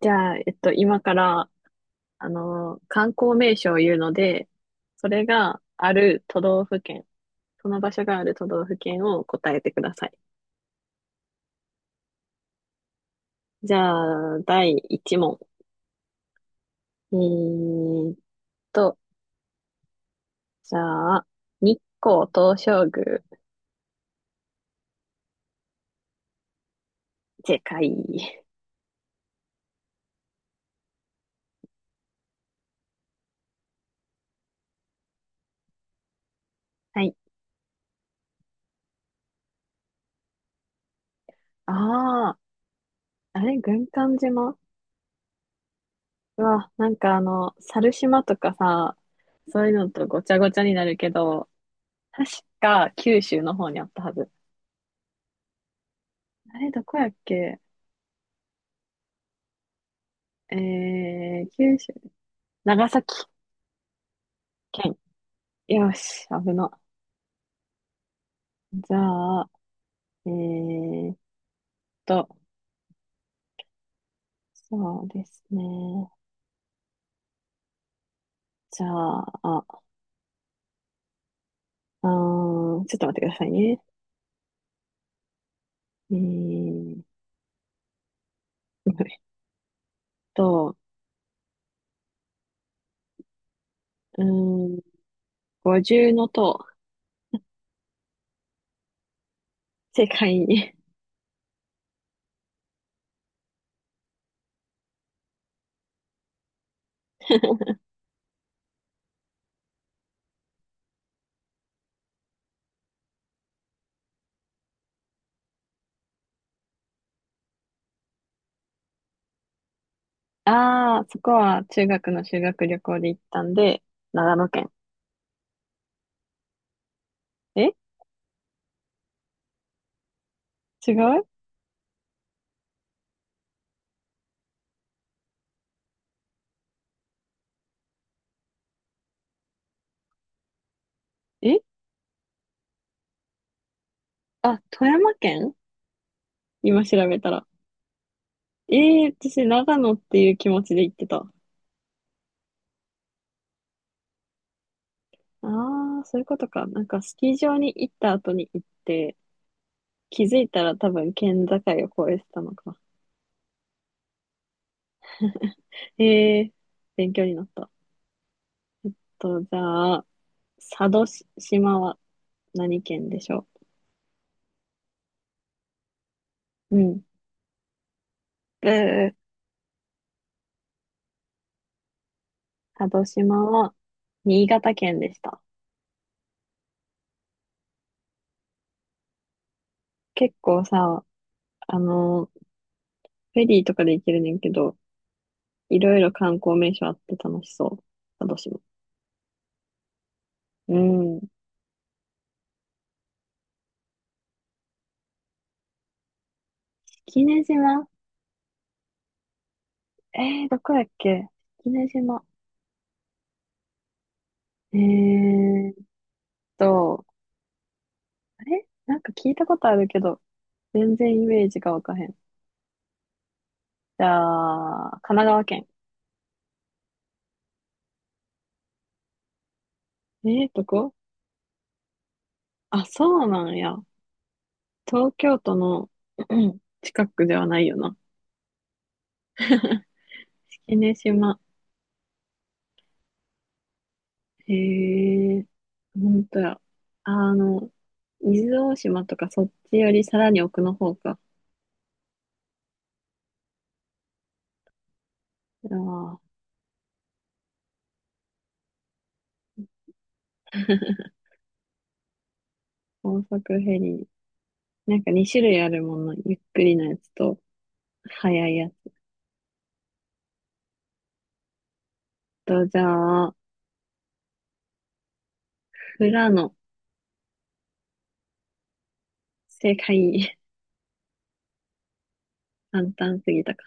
じゃあ、今から、観光名所を言うので、それがある都道府県、その場所がある都道府県を答えてください。じゃあ、第1問。えーっと、じゃあ、日光東照宮。正解。はい。ああ、あれ、軍艦島。うわ、なんか猿島とかさ、そういうのとごちゃごちゃになるけど、確か九州の方にあったはず。あれ、どこやっけ。え九州、長崎県。よし、危な。じゃあ、えーっと、そうですね。じゃあ、あ、ちょっと待ってくださいね。えー、えっと、うーん、五重の塔。世界に。ああ、そこは中学の修学旅行で行ったんで、長野県。え、違う。え。あ、富山県、今調べたら。私長野っていう気持ちで行ってた。ああ、そういうことか。なんかスキー場に行った後に行って、気づいたら多分県境を越えてたのか。ええ、勉強になった。と、じゃあ、佐渡し島は何県でしょう。うん。えー、佐渡島は新潟県でした。結構さ、あの、フェリーとかで行けるねんけど、いろいろ観光名所あって楽しそう。佐渡島。うん。式根島。えどこやっけ。式根島。えーと、あれなんか聞いたことあるけど、全然イメージがわかへん。じゃあ、神奈川県。ええこあ、そうなんや。東京都のうん近くではないよな。式根島。へえ、ほんとや。あの、伊豆大島とかそっちよりさらに奥の方か。ああ、高速フェリー。なんか2種類あるもの。ゆっくりなやつと、速いやつと、じゃあ、富良野。正解。簡単すぎたか。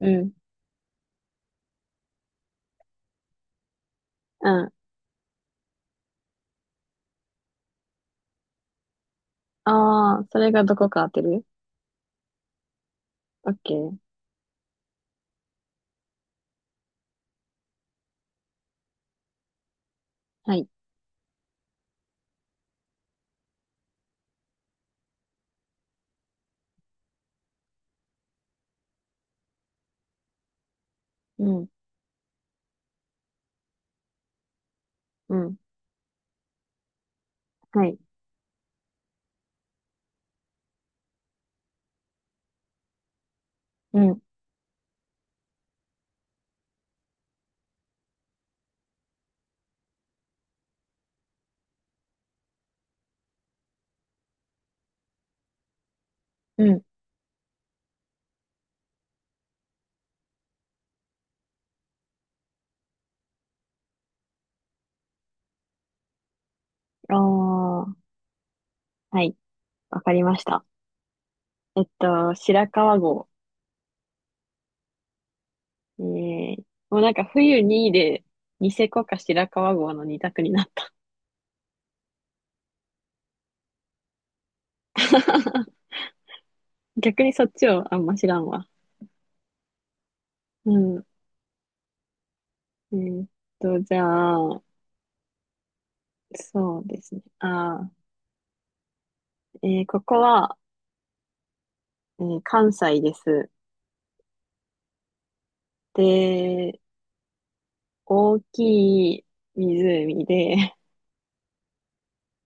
うん。うん。ああ、それがどこか当てる。オッケー。はい。うん。うん。はい。うん。うん。ああ、はい。わかりました。白川郷。えー、もうなんか冬2で、ニセコか白川郷の2択になった。逆にそっちをあんま知らんわ。うん。えーっじゃあ、そうですね。ここは、関西です。で、大きい湖で、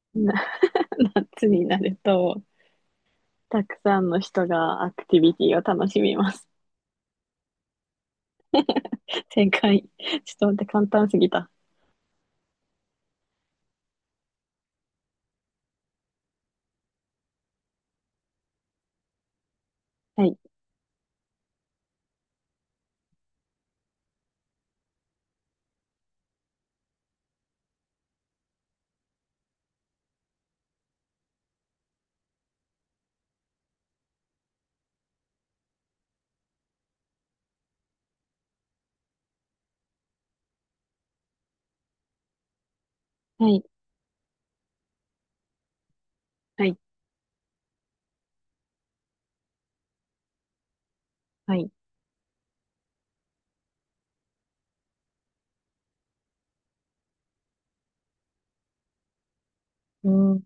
な夏になると、たくさんの人がアクティビティを楽しみます。正解。ちょっと待って、簡単すぎた。はい、はい、はい、はい。うーん。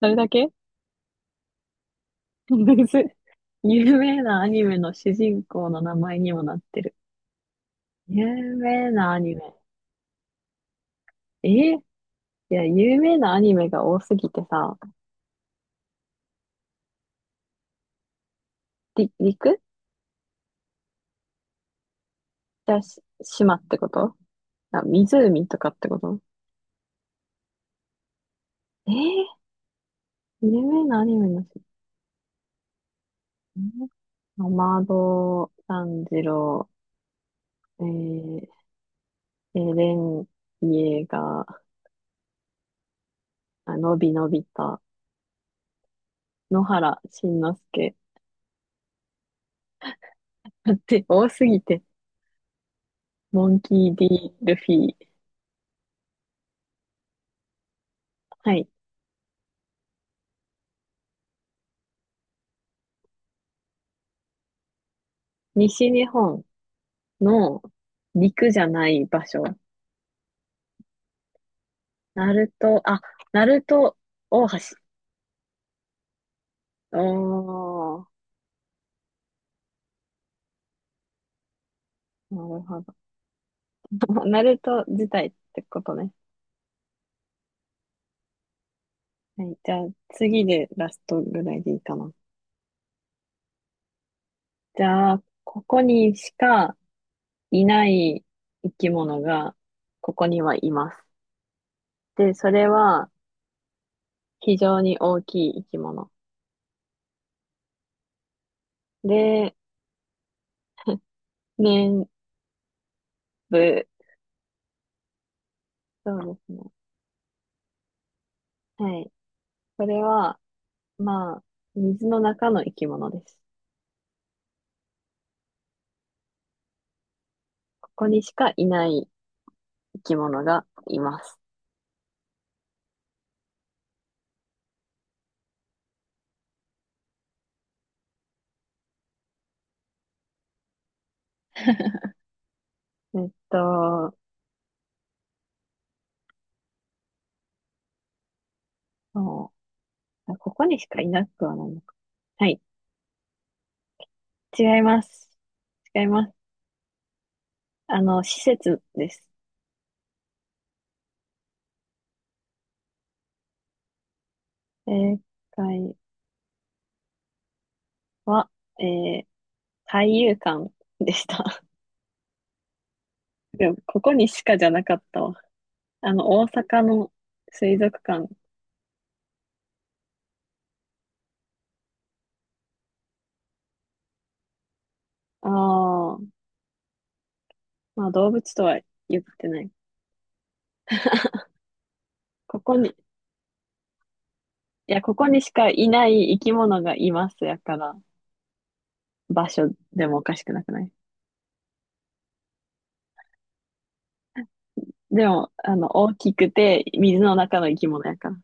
それだけむずい。有名なアニメの主人公の名前にもなってる。有名なアニメ。いや、有名なアニメが多すぎてさ、陸じゃあ、島ってこと？あ、湖とかってこと？えー有名なアニメの主題歌アマド炭治郎、えー、エレン・イエーガー、あのびのびた、野原しんのすけ。だって多すぎて、モンキー・ D・ルフィ。はい。西日本の陸じゃない場所。ナルト、あ、ナルト大橋。おー、なるほど。ナルト自体ってことね。はい。じゃあ次でラストぐらいでいいかな。じゃあ、ここにしかいない生き物がここにはいます。で、それは非常に大きい生き物。で、年部、そうですね。はい。それは、まあ、水の中の生き物です。ここにしかいない生き物がいます。えっと、そう、あ、ここにしかいなくはないのか。はい。違います。違います。施設です。正解は、えー海遊館でした。でも、ここにしかじゃなかったわ。大阪の水族館。ああ、まあ動物とは言ってない。ここに、いや、ここにしかいない生き物がいますやから、場所でもおかしくなくない？でも、大きくて水の中の生き物やから。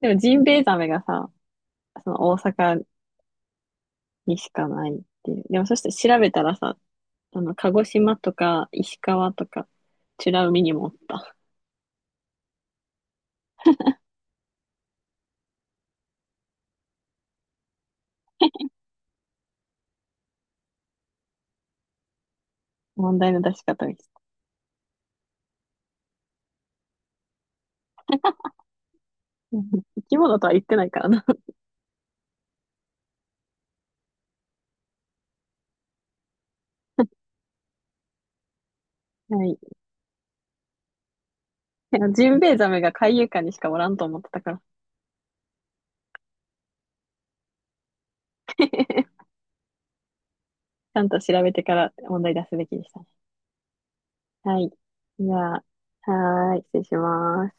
でも、ジンベエザメがさ、その大阪にしかないっていう。でも、そして調べたらさ、鹿児島とか石川とか、美ら海にもおった。問題の出し方に。うん、生き物とは言ってないからな。はい。いやジンベエザメが海遊館にしかおらんと思ってたから。ちゃんと調べてから問題出すべきでしたね。はい。じゃあ、はーい。失礼します。